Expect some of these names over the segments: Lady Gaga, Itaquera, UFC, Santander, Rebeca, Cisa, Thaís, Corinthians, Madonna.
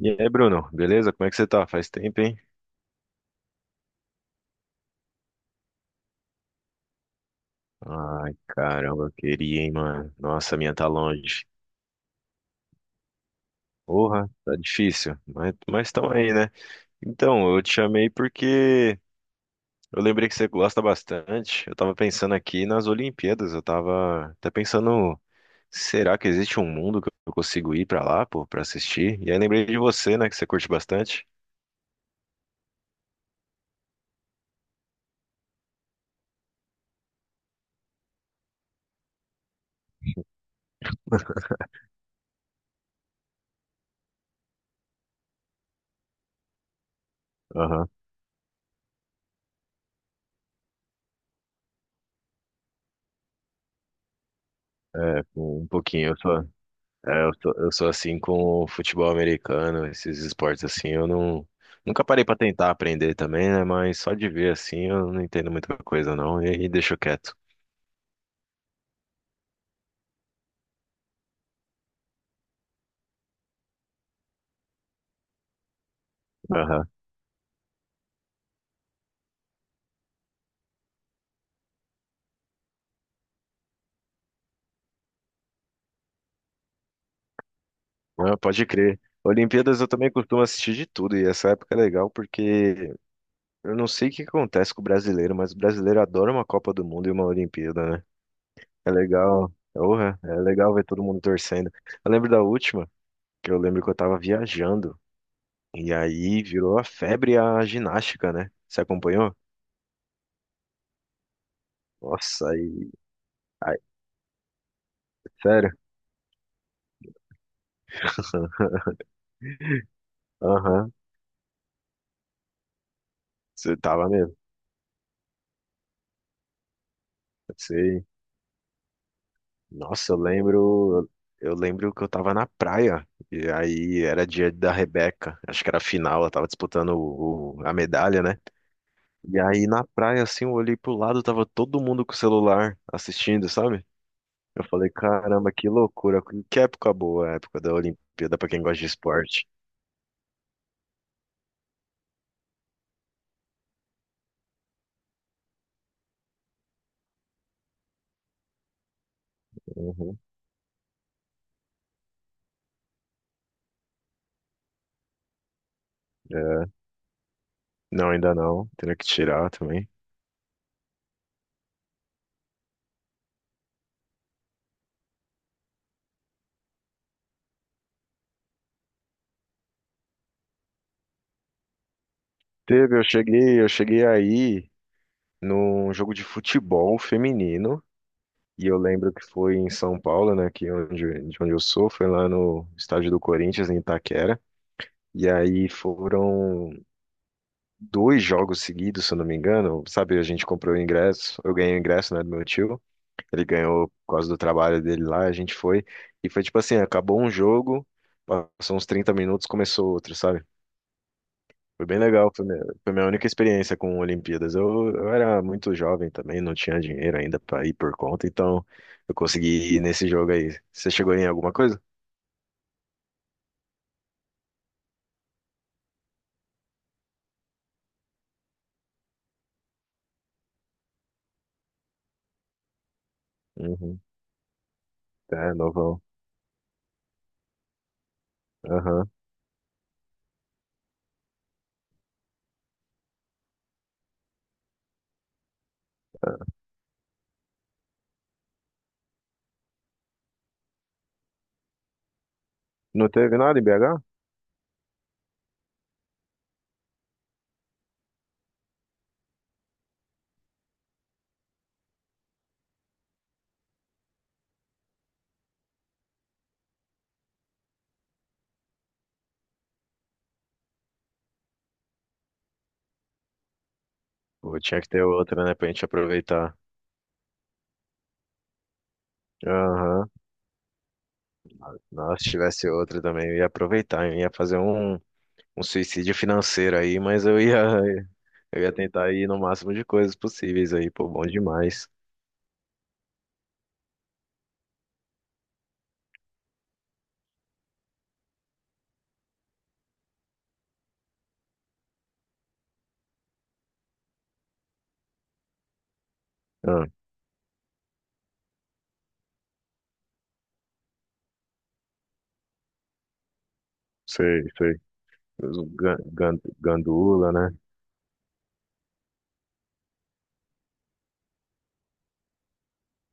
E aí, Bruno, beleza? Como é que você tá? Faz tempo, hein? Ai, caramba, eu queria, hein, mano. Nossa, a minha tá longe. Porra, tá difícil, mas estão aí, né? Então, eu te chamei porque eu lembrei que você gosta bastante. Eu tava pensando aqui nas Olimpíadas, eu tava até pensando, será que existe um mundo que eu consigo ir pra lá, pô, pra assistir? E aí lembrei de você, né, que você curte bastante. Aham, um pouquinho. É, eu sou assim com o futebol americano, esses esportes assim, eu não nunca parei pra tentar aprender também, né? Mas só de ver assim, eu não entendo muita coisa não e deixo quieto. Aham. Ah, pode crer. Olimpíadas eu também costumo assistir de tudo e essa época é legal porque eu não sei o que acontece com o brasileiro, mas o brasileiro adora uma Copa do Mundo e uma Olimpíada, né? É legal. Porra, é legal ver todo mundo torcendo. Eu lembro da última, que eu lembro que eu tava viajando. E aí virou a febre a ginástica, né? Você acompanhou? Nossa, aí, aí, sério? Aham, você tava mesmo. Sei. Nossa, eu lembro que eu tava na praia e aí era dia da Rebeca, acho que era a final, ela tava disputando a medalha, né? E aí na praia assim, eu olhei pro lado, tava todo mundo com o celular assistindo, sabe? Eu falei, caramba, que loucura, que época boa, a época da Olimpíada pra quem gosta de esporte. Uhum. É. Não, ainda não. Teria que tirar também. Teve, eu cheguei aí num jogo de futebol feminino. E eu lembro que foi em São Paulo, né? Aqui onde, de onde eu sou, foi lá no estádio do Corinthians, em Itaquera. E aí foram dois jogos seguidos, se eu não me engano. Sabe, a gente comprou o ingresso, eu ganhei o ingresso, né, do meu tio. Ele ganhou por causa do trabalho dele lá, a gente foi. E foi tipo assim, acabou um jogo, passou uns 30 minutos, começou outro, sabe? Foi bem legal, foi minha única experiência com Olimpíadas. Eu era muito jovem também, não tinha dinheiro ainda para ir por conta, então eu consegui ir nesse jogo aí. Você chegou em alguma coisa? Uhum. É, novão. Aham. Não teve nada em BH? Pô, tinha que ter outra, né, pra gente aproveitar. Aham. Nossa, se tivesse outra também, eu ia aproveitar, eu ia fazer um, um suicídio financeiro aí, mas eu ia, eu ia tentar ir no máximo de coisas possíveis aí, pô, bom demais. Ah, sei, sei. Os Gandula, né?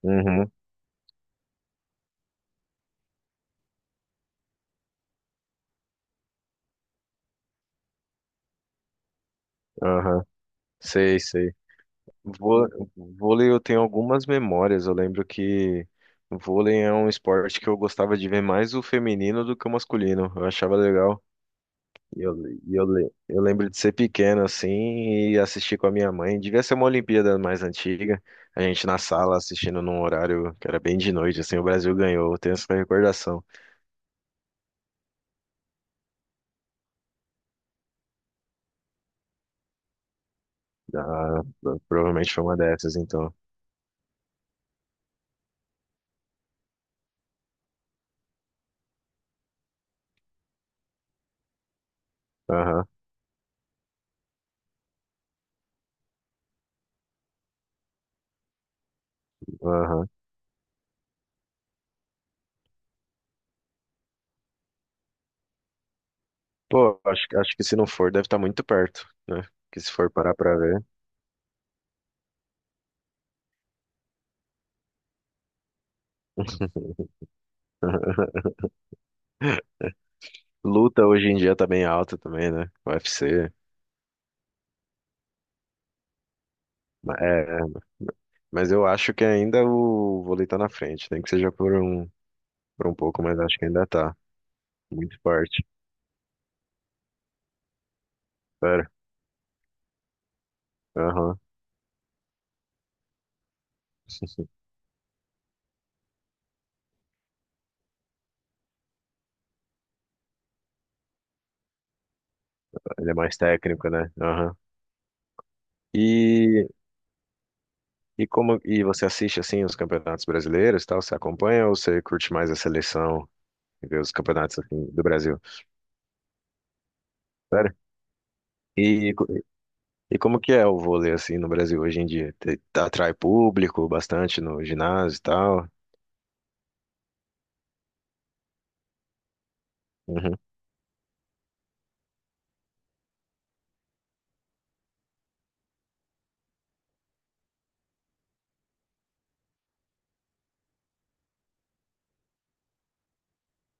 Uhum, aham. Sei, sei. Vô- Vôlei eu tenho algumas memórias. Eu lembro que vôlei é um esporte que eu gostava de ver mais o feminino do que o masculino. Eu achava legal. Eu lembro de ser pequeno assim e assistir com a minha mãe. Devia ser uma Olimpíada mais antiga. A gente na sala assistindo num horário que era bem de noite, assim, o Brasil ganhou. Eu tenho essa recordação. Ah, provavelmente foi uma dessas, então. Aham, aham. Pô, acho que se não for, deve estar muito perto, né? Que se for parar pra ver. Luta hoje em dia tá bem alta também, né? UFC. Ma- é, mas eu acho que ainda o vôlei tá na frente, nem que seja por um pouco, mas acho que ainda tá. Muito forte. Pera. Aham. Ele é mais técnico, né? Aham. E, e como e você assiste assim os campeonatos brasileiros, e tal? Você acompanha ou você curte mais a seleção e vê os campeonatos assim, do Brasil? Sério? E E como que é o vôlei assim no Brasil hoje em dia? Te- Atrai público bastante no ginásio e tal? Uhum,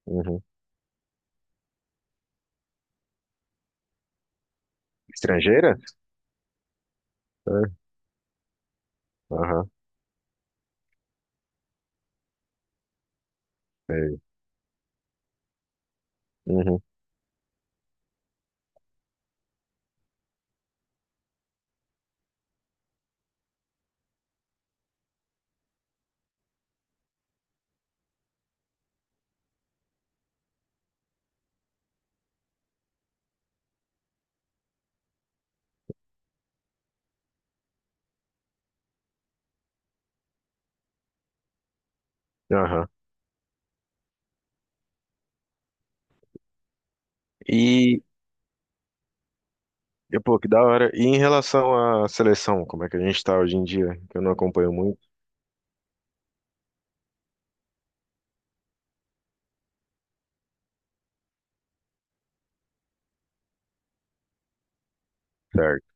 uhum. Estrangeira? É, aham, sei. Uhum, aham. E, pô, que da hora. E em relação à seleção, como é que a gente tá hoje em dia? Que eu não acompanho muito. Certo.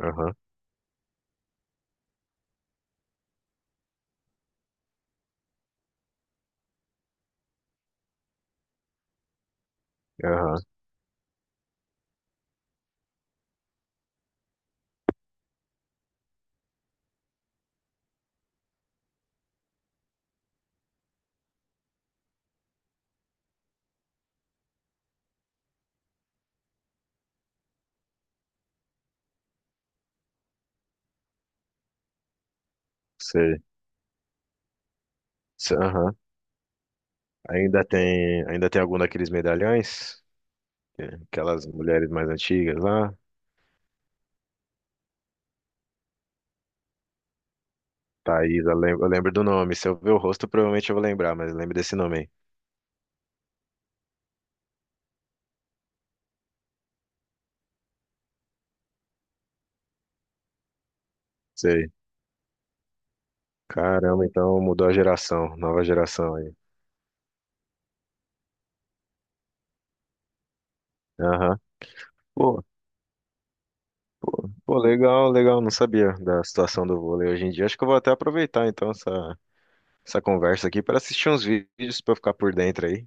Aham, aham, sei. Aham. Ainda tem algum daqueles medalhões? É, aquelas mulheres mais antigas lá? Thaís, eu lembro do nome. Se eu ver o rosto, provavelmente eu vou lembrar, mas eu lembro desse nome aí. Caramba, então mudou a geração, nova geração aí. Aham. Pô, pô, legal, legal. Não sabia da situação do vôlei hoje em dia. Acho que eu vou até aproveitar então essa conversa aqui para assistir uns vídeos para ficar por dentro aí.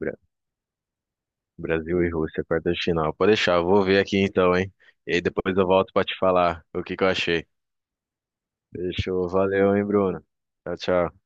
Bra- Brasil e Rússia, quarta de final. Pode deixar, eu vou ver aqui então, hein? E aí depois eu volto para te falar o que que eu achei. Fechou, valeu, hein, Bruno. Tchau, tchau.